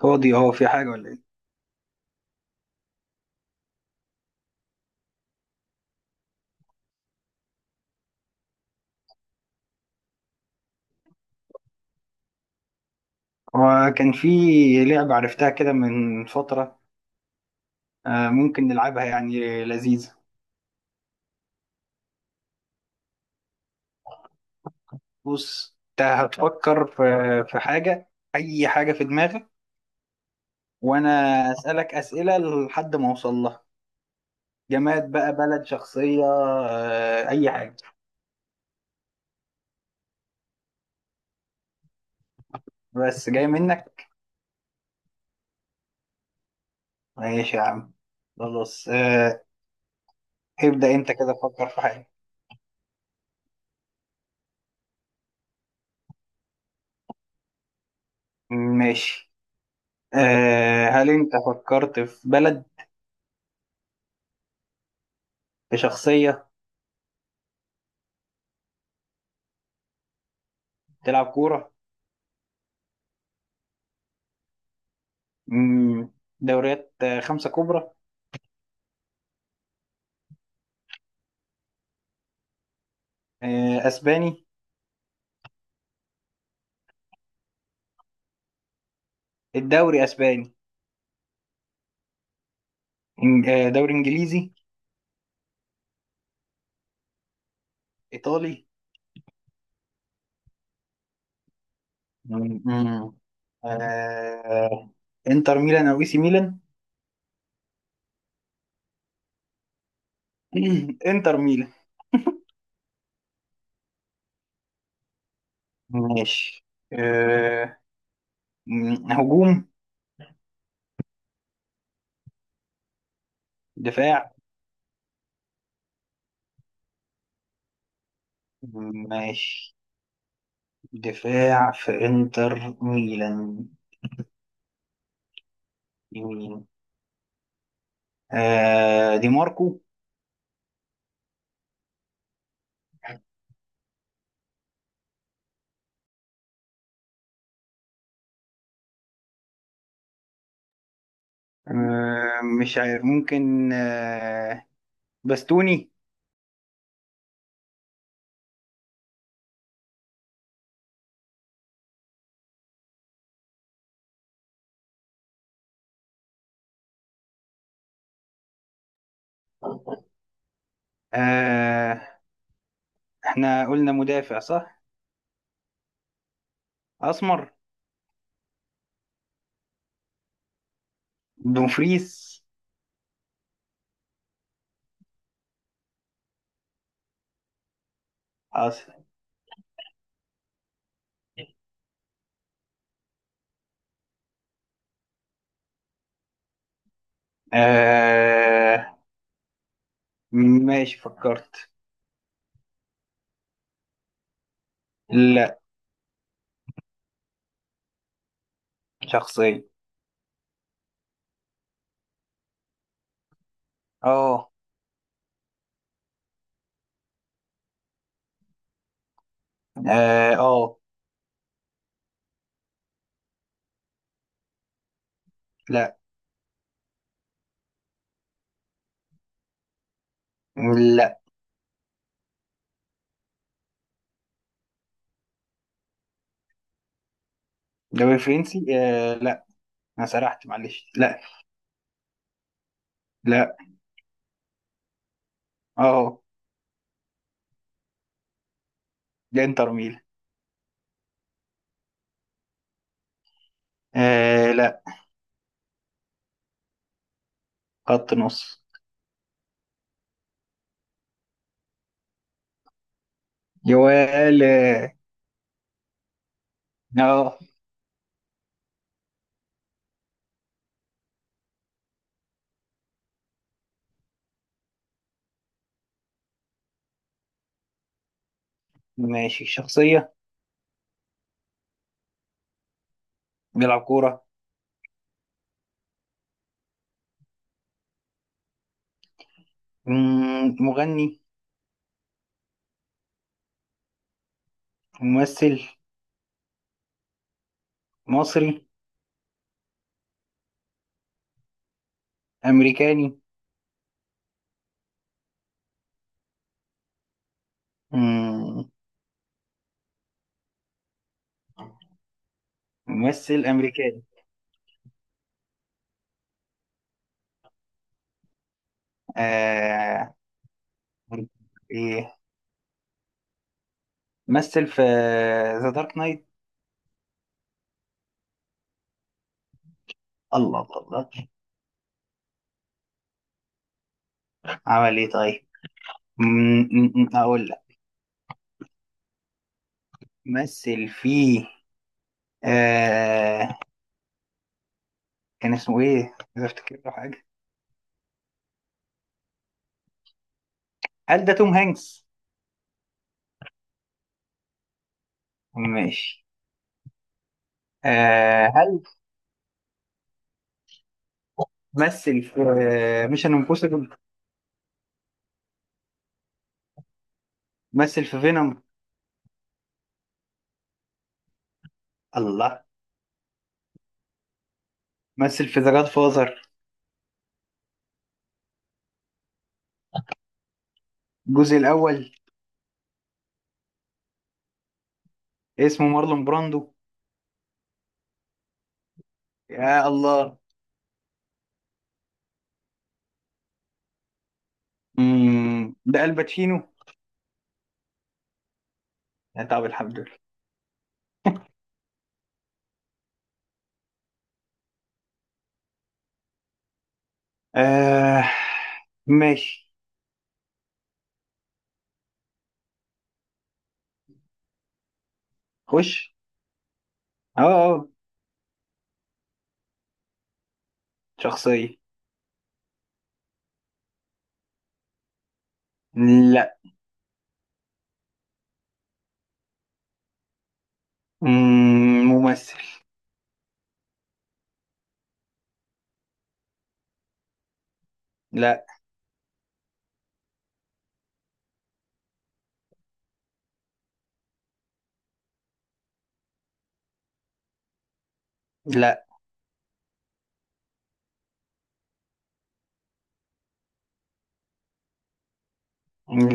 فاضي هو في حاجة ولا ايه؟ هو كان في لعبة عرفتها كده من فترة. آه، ممكن نلعبها يعني لذيذة. بص انت هتفكر في حاجة، أي حاجة في دماغك، وأنا أسألك أسئلة لحد ما أوصل لها. جماد بقى، بلد، شخصية، أي حاجة. بس جاي منك؟ ماشي يا عم، خلاص آه، ابدأ أنت كده فكر في حاجة. ماشي. هل أنت فكرت في بلد، في شخصية تلعب كورة؟ مم، دوريات خمسة كبرى. أسباني. الدوري أسباني. دوري إنجليزي. إيطالي. مم، مم، آه، إنتر ميلان أو إي سي ميلان. إنتر ميلان. ماشي. آه، هجوم. دفاع. ماشي. دفاع في إنتر ميلان. يمين. دي ماركو. مش عارف ممكن. باستوني. آه احنا قلنا مدافع صح؟ اسمر. دومفريس. أص... آه... ماشي، فكرت. لا. شخصية. اه اه آه. لا لا. دوري فرنسي لا. انا سرحت، معلش، لا. لا. اه. ده انتر ميلان. لا. خط نص. جوال، اه آه. ماشي. شخصية. بيلعب كورة. مغني. ممثل. مصري. أمريكاني. مم، ممثل امريكاني. آه... ايه، مثل في ذا دارك نايت. الله الله الله. عمل ايه طيب؟ م- اقول لك. مثل في آه... كان اسمه ايه اذا افتكر له حاجه؟ هل ده توم هانكس؟ ماشي. هل مثل في ميشن امبوسيبل؟ مثل في فينوم. الله. مثل في ذا جاد فازر، الجزء الاول. اسمه مارلون براندو. يا الله. ده الباتشينو. يا طب الحمد لله. آه ماشي، خش. اه اه. شخصية. لا. ممثل. لا. لا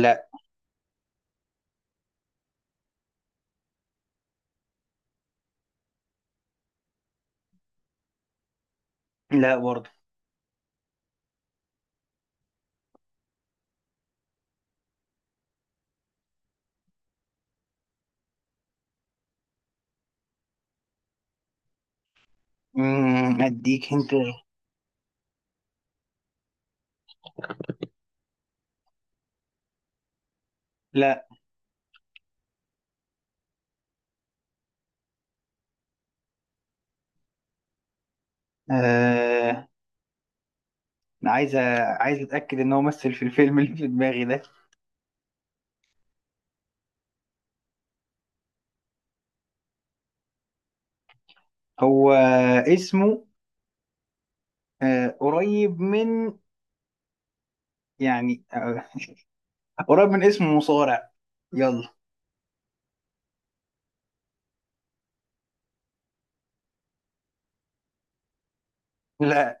لا لا برضه. اديك انت. لا. آه عايز أ- عايز اتاكد ان هو مثل في الفيلم اللي في دماغي ده. هو اسمه قريب من، يعني قريب من اسم مصارع. يلا. لا.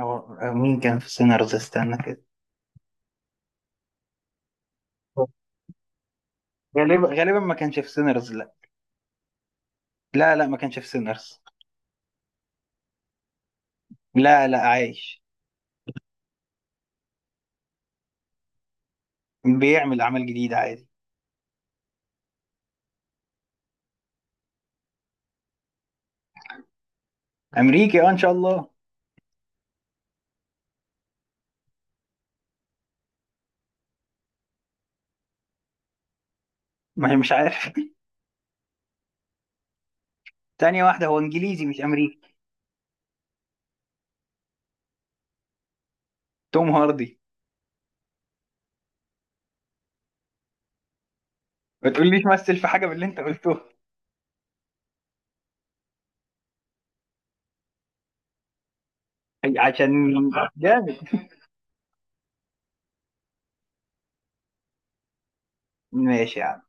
هو مين كان في سينرز؟ استنى كده. غالبا غالبا ما كانش في سينرز. لا. لا لا، ما كانش في سينرز. لا لا، عايش. بيعمل اعمال جديده عادي. امريكي، اه، ان شاء الله. ما هي مش عارف. تانية واحده، هو انجليزي مش امريكي؟ توم هاردي. ما تقوليش مثل في حاجه من اللي انت قلته. عشان جامد. ماشي يا عم.